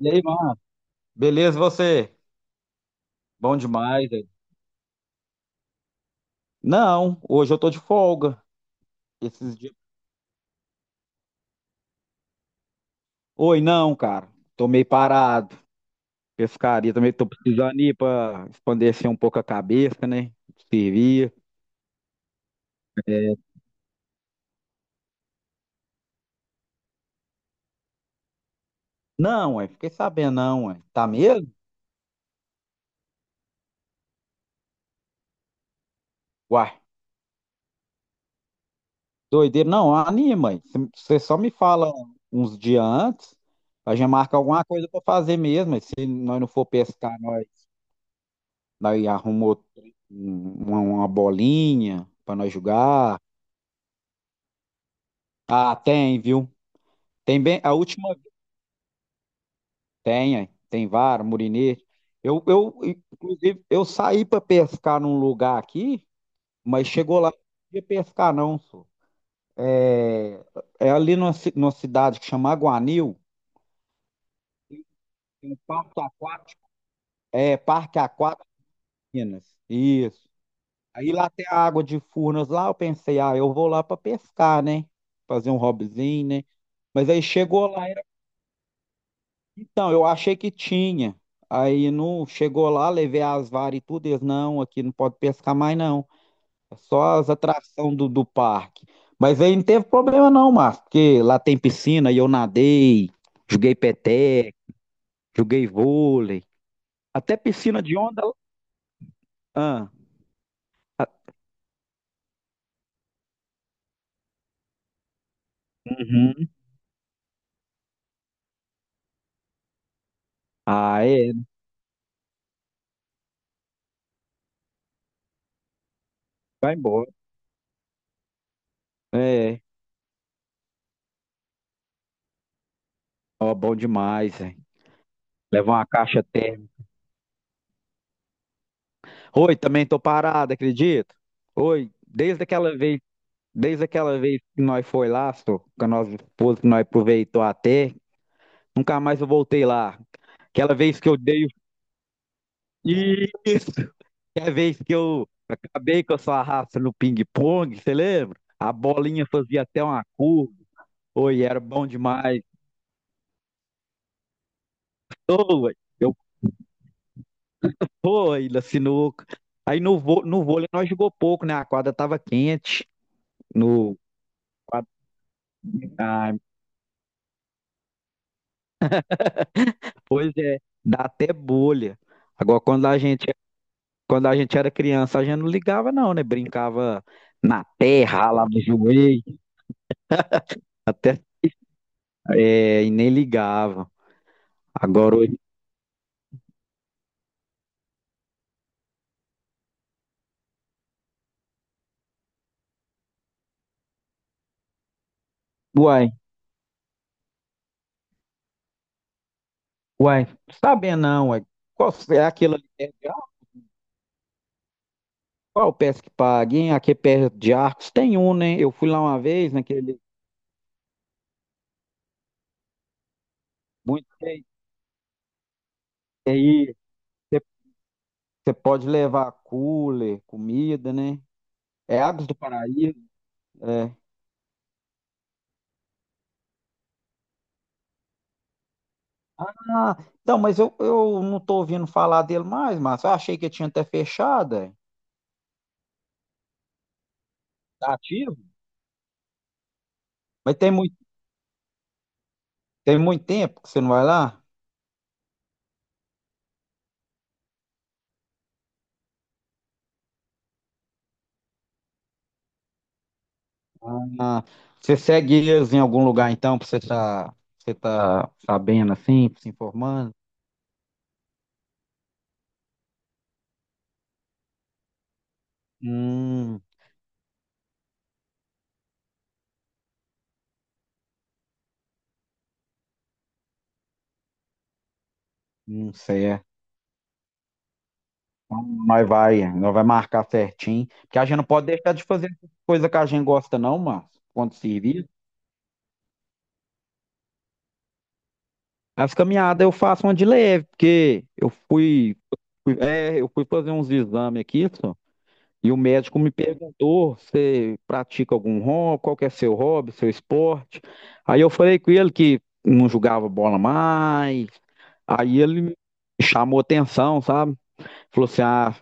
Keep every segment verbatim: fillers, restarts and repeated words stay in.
E aí, mano? Beleza, você? Bom demais, velho. Não, hoje eu tô de folga. Esses dias. Oi, não, cara. Tô meio parado. Pescaria também tô precisando ir pra expandir um pouco a cabeça, né? Servir. É, não, ué, fiquei sabendo, não, ué. Tá mesmo? Uai, doideira. Não, anima, ué. Se- Você só me fala uns dias antes, a gente marca alguma coisa pra fazer mesmo. Ué. Se nós não for pescar, nós, nós arrumamos uma, uma bolinha pra nós jogar. Ah, tem, viu? Tem bem, a última tem, é. Tem vara, murinete. Eu, eu, inclusive, eu saí para pescar num lugar aqui, mas chegou lá, não podia pescar não, só. É, é ali numa, ci- numa cidade que chama Aguanil, tem um parque aquático, é, Parque Aquático Minas, isso. Aí lá tem a água de Furnas lá, eu pensei, ah, eu vou lá para pescar, né? Fazer um hobbyzinho, né? Mas aí chegou lá. Então, eu achei que tinha. Aí não chegou lá, levei as varas e tudo. Eles, não, aqui não pode pescar mais, não. É só as atrações do, do parque. Mas aí não teve problema, não, Márcio, porque lá tem piscina e eu nadei, joguei peteca, joguei vôlei. Até piscina de onda. Ah, ah, uhum. Ah, é, vai embora. É, ó, bom demais, hein? Levar uma caixa térmica. Oi, também tô parado, acredito? Oi, desde aquela vez. Desde aquela vez que nós foi lá, só, com a nossa esposa, que nós aproveitou até, nunca mais eu voltei lá. Aquela vez que eu dei. o- Isso! Aquela vez que eu acabei com a sua raça no ping-pong, você lembra? A bolinha fazia até uma curva. Oi, era bom demais. Ô, ué, eu fui na sinuca. Aí no, vô- no vôlei nós jogou pouco, né? A quadra tava quente. No, ah, pois é, dá até bolha. Agora, quando a gente Quando a gente era criança, a gente não ligava, não, né? Brincava na terra, ralava o joelho, até, é, e nem ligava. Agora, hoje, uai, uai, sabia não, uai. Qual é aquele ali perto de arco? Qual é o peça que paga, hein? Aqui é perto de Arcos tem um, né? Eu fui lá uma vez, naquele muito cheio. E aí, você pode levar cooler, comida, né? É Águas do Paraíso, é. Ah, então, mas eu, eu não tô ouvindo falar dele mais, mas eu achei que tinha até fechado, é. Tá ativo? Mas tem muito, tem muito tempo que você não vai lá? Ah, você segue eles em algum lugar então, pra você tá, você tá sabendo assim, se informando? Hum, não sei, é. Então, Nós vai, nós vai marcar certinho, porque a gente não pode deixar de fazer coisa que a gente gosta não, mano, quando servir. As caminhadas eu faço uma de leve, porque eu fui, fui- é, eu fui fazer uns exames aqui, só. E o médico me perguntou: você pratica algum hobby? Qual que é seu hobby, seu esporte? Aí eu falei com ele que não jogava bola mais. Aí ele me chamou atenção, sabe? Falou assim: ah,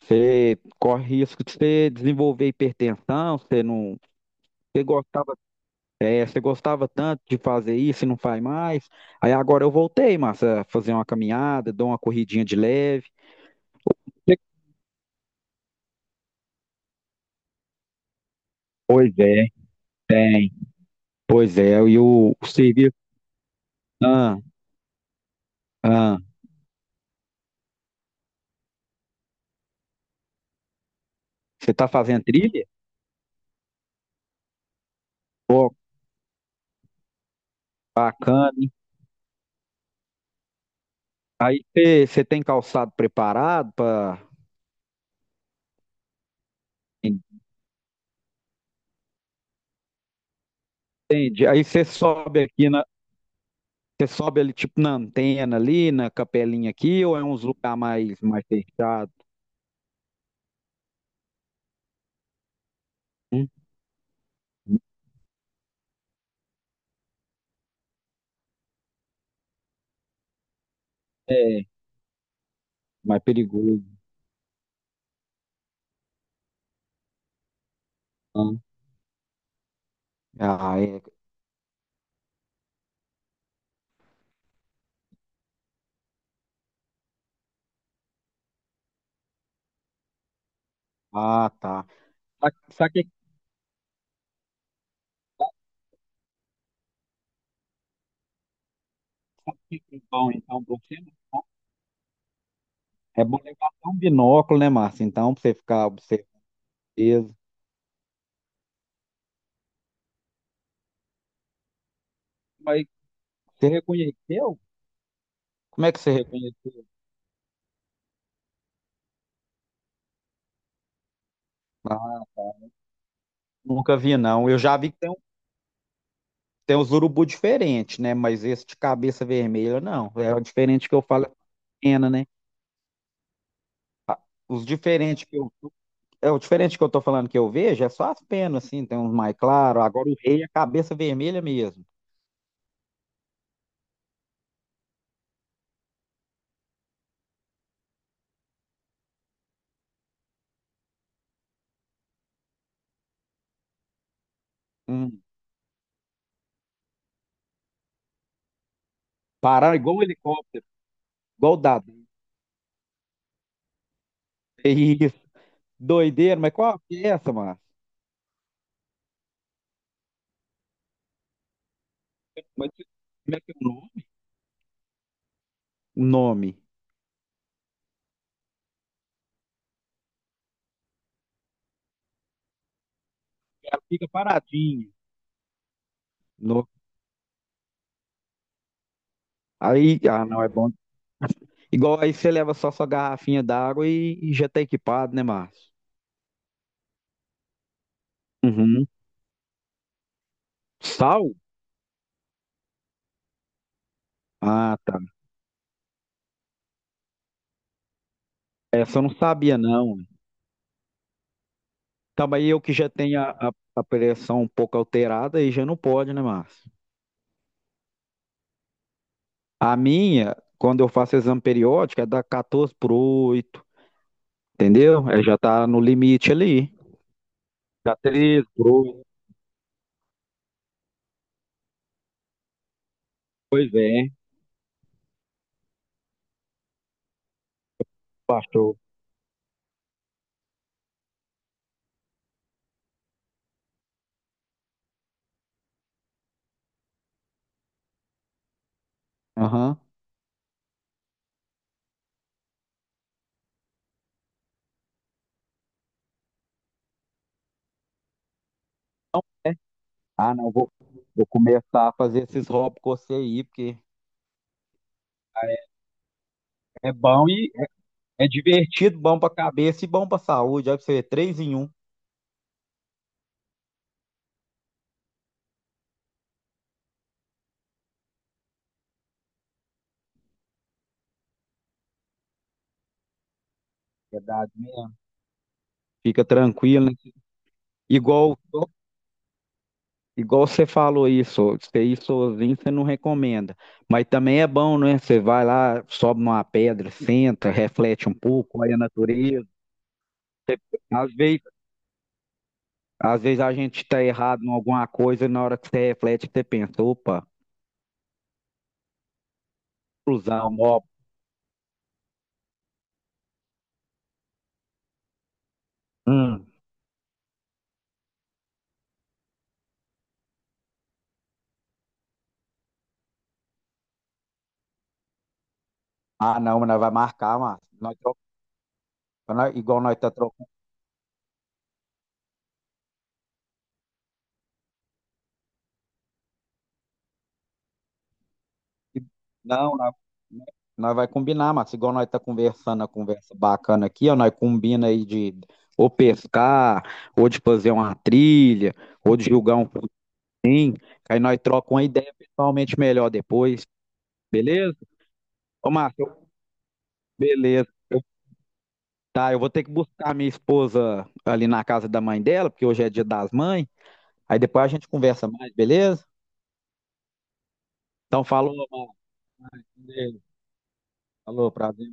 você corre risco de você desenvolver hipertensão, você não. Você gostava, é, você gostava tanto de fazer isso e não faz mais. Aí agora eu voltei, massa, a fazer uma caminhada, dou uma corridinha de leve. Pois é, tem. Pois é, e o, o serviço. Ah. Ah, você está fazendo trilha? Pô, bacana. Hein? Você você tem calçado preparado para, entende? Aí você sobe aqui na, você sobe ali tipo na antena ali, na capelinha aqui, ou é uns lugar mais mais fechado? Hum? É, mais perigoso. Né? Ah, é. Ah, tá. Sabe sabe o que sabe o que que é bom então pra você? Né? É bom levar até um binóculo, né, Márcio? Então, pra você ficar observando. Mas você reconheceu? Como é que você reconheceu? Nunca vi, não. Eu já vi que tem, um- tem uns urubu diferentes, né? Mas esse de cabeça vermelha, não. É o diferente que eu falo, é pena, né? Ah, os diferentes que eu. É o diferente que eu tô falando que eu vejo, é só as penas, assim, tem uns mais claros. Agora o rei é cabeça vermelha mesmo. Hum. Parar igual um helicóptero, igual o dado. É isso. Doideira, mas qual que é essa, mano? Mas como é que é o nome? O nome. Ela fica paradinha. No. Aí, ah, não, é bom. Igual aí você leva só sua garrafinha d'água e, e já tá equipado, né, Márcio? Uhum. Sal? Ah, tá. É, essa eu não sabia, não. Então, aí eu que já tenho a, a, a pressão um pouco alterada, aí já não pode, né, Márcio? A minha, quando eu faço exame periódico, é da quatorze por oito, entendeu? É, já tá no limite ali. Tá treze por oito. Pois é, baixou. Aham. Ah, não, vou, vou começar a fazer esses rótulos com você aí, porque é bom e é divertido, bom pra cabeça e bom pra saúde. Olha pra você ver, três em um. Verdade mesmo. Fica tranquilo, né? Igual, igual você falou isso, você ir sozinho você não recomenda. Mas também é bom, né? Você vai lá, sobe numa pedra, senta, reflete um pouco, olha a natureza. Às vezes, às vezes a gente tá errado em alguma coisa e na hora que você reflete, você pensa, opa, ilusão, ó. Hum. Ah, não, mas nós vai marcar, mas nós, tro- nós- igual nós tá E- Não, nós, nós vai combinar, Márcio. Igual nós tá conversando, a conversa bacana aqui, ó, nós combina aí de ou pescar, ou de fazer uma trilha, ou de julgar um pudim, aí nós trocamos uma ideia pessoalmente melhor depois, beleza? Ô, Márcio, eu- beleza. Eu- Tá, eu vou ter que buscar minha esposa ali na casa da mãe dela, porque hoje é dia das mães. Aí depois a gente conversa mais, beleza? Então falou, Márcio. Valeu. Falou, prazer.